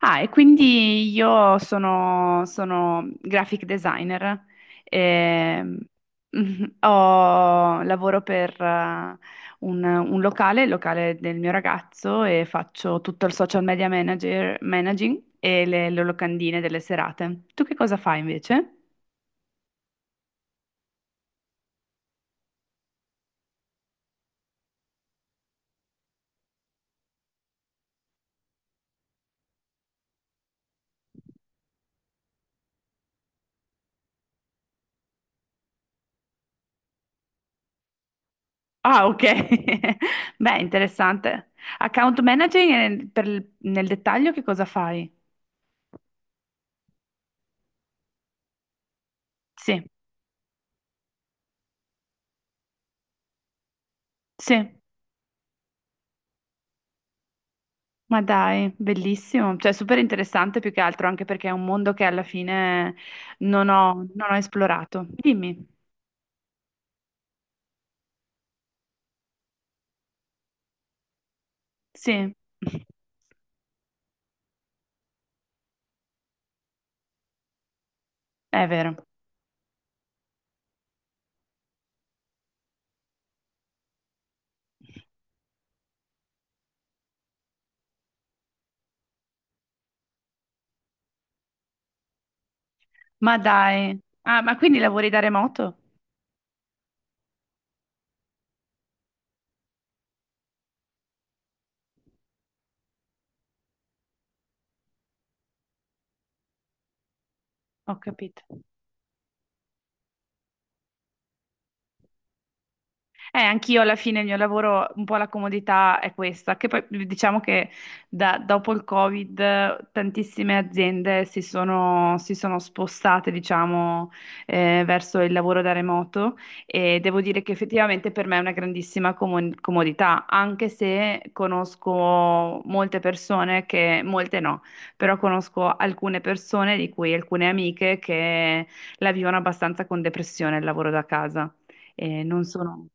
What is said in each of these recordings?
Ah, e quindi io sono graphic designer, ehm, mhm, lavoro per un locale, il locale del mio ragazzo, e faccio tutto il social media manager, managing e le locandine delle serate. Tu che cosa fai invece? Ah, ok. Beh, interessante. Account managing, nel dettaglio che cosa fai? Sì, sì. Ma dai, bellissimo, cioè super interessante più che altro, anche perché è un mondo che alla fine non ho esplorato. Dimmi, sì, è vero. Ma dai, ah, ma quindi lavori da remoto? Ho capito. Anch'io alla fine il mio lavoro, un po' la comodità è questa, che poi diciamo che dopo il Covid tantissime aziende si sono spostate, diciamo, verso il lavoro da remoto e devo dire che effettivamente per me è una grandissima comodità, anche se conosco molte persone che, molte no, però conosco alcune persone, di cui alcune amiche, che la vivono abbastanza con depressione il lavoro da casa. E non sono.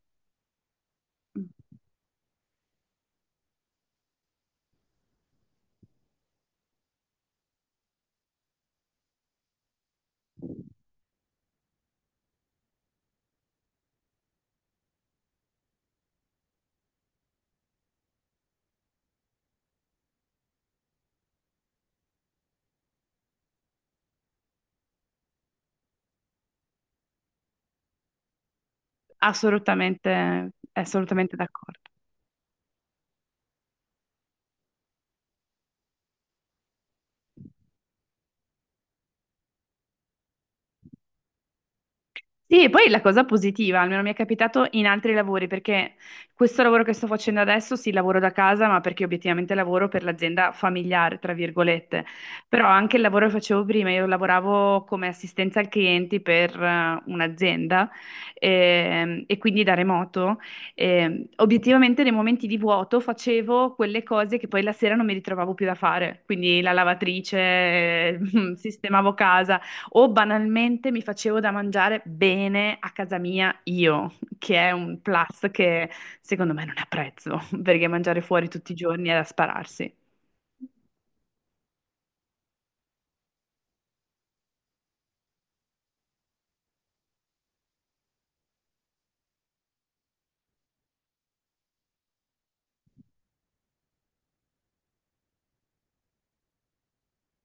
Assolutamente, assolutamente d'accordo. Sì, e poi la cosa positiva, almeno mi è capitato in altri lavori, perché questo lavoro che sto facendo adesso, sì, lavoro da casa, ma perché obiettivamente lavoro per l'azienda familiare, tra virgolette. Però anche il lavoro che facevo prima, io lavoravo come assistenza al clienti per un'azienda e quindi da remoto. Obiettivamente nei momenti di vuoto facevo quelle cose che poi la sera non mi ritrovavo più da fare, quindi la lavatrice, sistemavo casa o banalmente mi facevo da mangiare bene a casa mia io, che è un plus che secondo me non apprezzo, perché mangiare fuori tutti i giorni è da spararsi.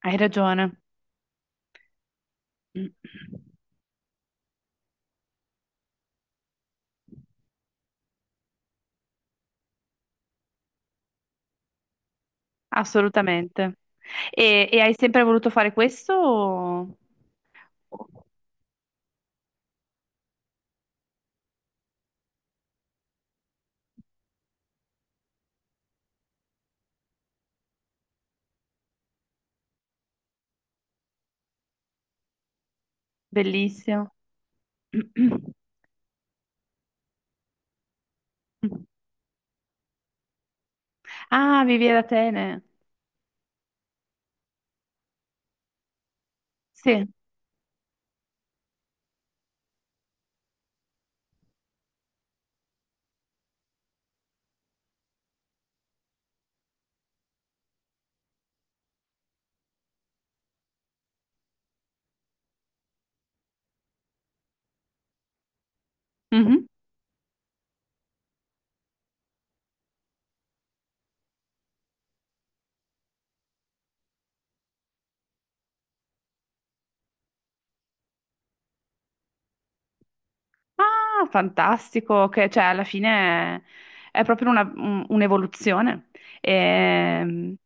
Hai ragione, assolutamente. E hai sempre voluto fare questo? Bellissimo. Ah, vivi ad Atene. Sì. Mhm. Ah, fantastico, che cioè alla fine è proprio un'evoluzione. Ehm,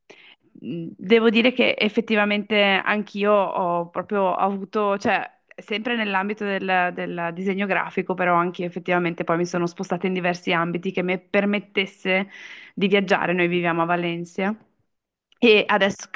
Devo dire che effettivamente anch'io ho proprio avuto, cioè sempre nell'ambito del disegno grafico, però anche effettivamente poi mi sono spostata in diversi ambiti che mi permettesse di viaggiare. Noi viviamo a Valencia e adesso.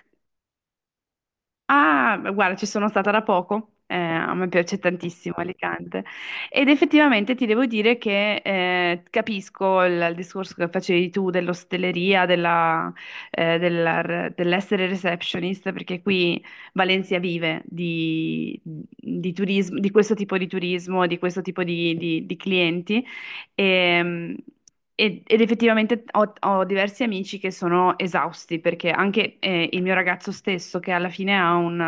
Ah, beh, guarda, ci sono stata da poco, a me piace tantissimo Alicante ed effettivamente ti devo dire che capisco il discorso che facevi tu dell'ostelleria, dell'essere receptionist, perché qui Valencia vive di turismo, di questo tipo di turismo, di questo tipo di clienti e, ed effettivamente ho diversi amici che sono esausti perché anche il mio ragazzo stesso, che alla fine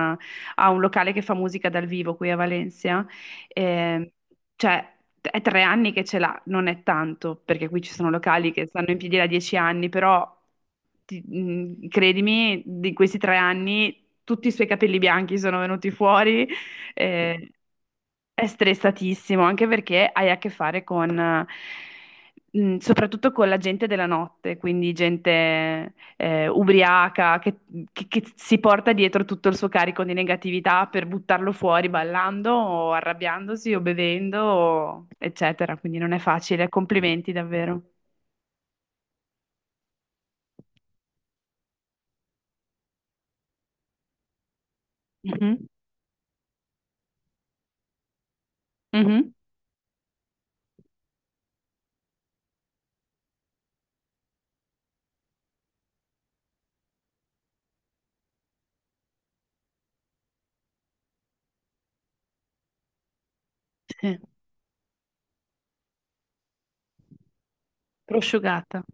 ha un locale che fa musica dal vivo qui a Valencia, ehm, cioè è 3 anni che ce l'ha, non è tanto perché qui ci sono locali che stanno in piedi da 10 anni, però credimi, di questi 3 anni tutti i suoi capelli bianchi sono venuti fuori. eh, è stressatissimo, anche perché hai a che fare con, soprattutto con la gente della notte, quindi gente ubriaca che si porta dietro tutto il suo carico di negatività per buttarlo fuori ballando o arrabbiandosi o bevendo, o eccetera. Quindi non è facile. Complimenti davvero. Mhm, mhm. Sì, prosciugata.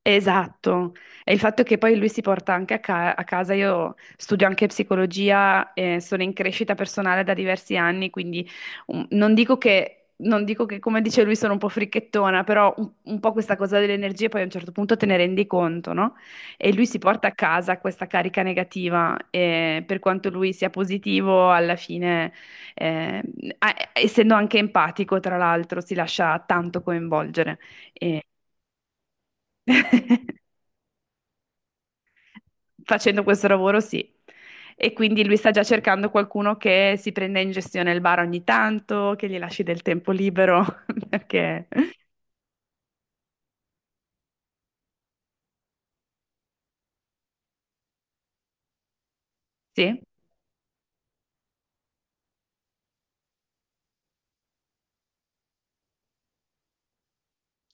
Esatto, e il fatto che poi lui si porta anche a casa, io studio anche psicologia, sono in crescita personale da diversi anni, quindi non dico che, come dice lui, sono un po' fricchettona, però un po' questa cosa delle energie poi a un certo punto te ne rendi conto, no? E lui si porta a casa questa carica negativa, e per quanto lui sia positivo, alla fine, eh, essendo anche empatico, tra l'altro, si lascia tanto coinvolgere. E... Facendo questo lavoro, sì. E quindi lui sta già cercando qualcuno che si prenda in gestione il bar ogni tanto, che gli lasci del tempo libero, perché sì,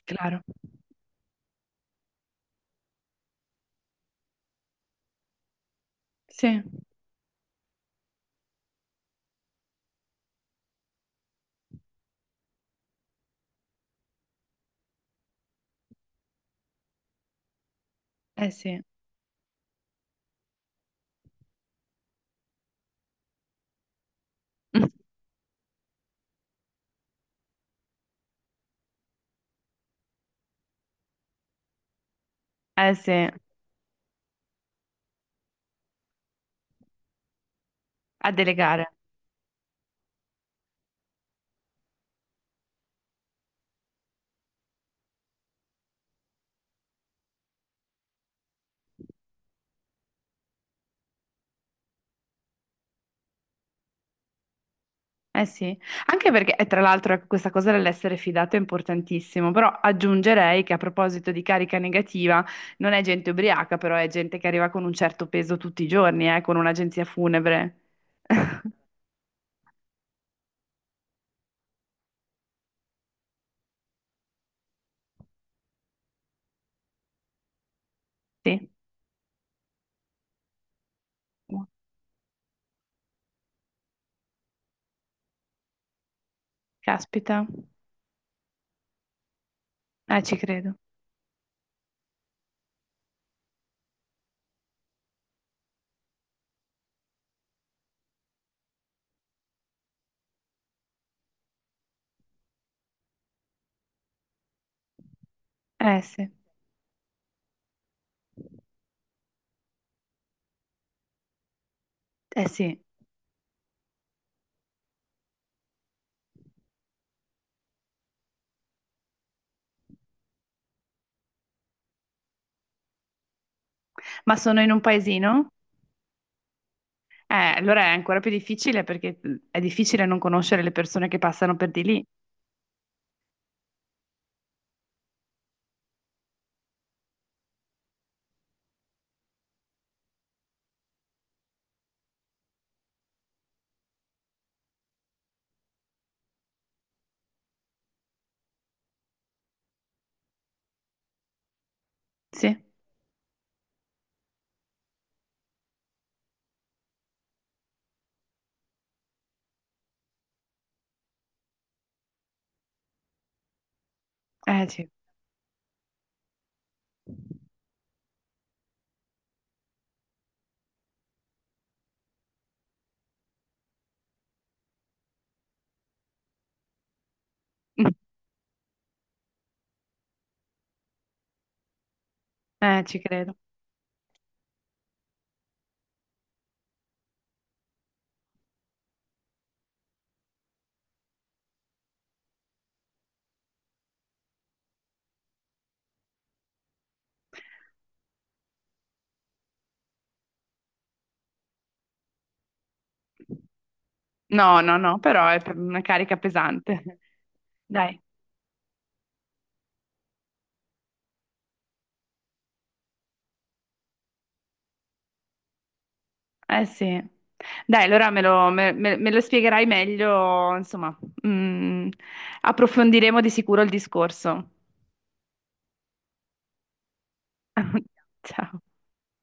claro. Sì, eh sì. Eh sì, a delegare. Eh sì, anche perché tra l'altro ecco, questa cosa dell'essere fidato è importantissimo, però aggiungerei che a proposito di carica negativa, non è gente ubriaca, però è gente che arriva con un certo peso tutti i giorni, con un'agenzia funebre. Sì. Caspita, ci credo. Eh sì, eh sì. Ma sono in un paesino? Allora è ancora più difficile perché è difficile non conoscere le persone che passano per di lì. Sì, eh sì, ci credo. No, no, no, però una carica pesante. Dai, eh sì. Dai, allora me lo spiegherai meglio, insomma, Mm, approfondiremo di sicuro il discorso. Ciao.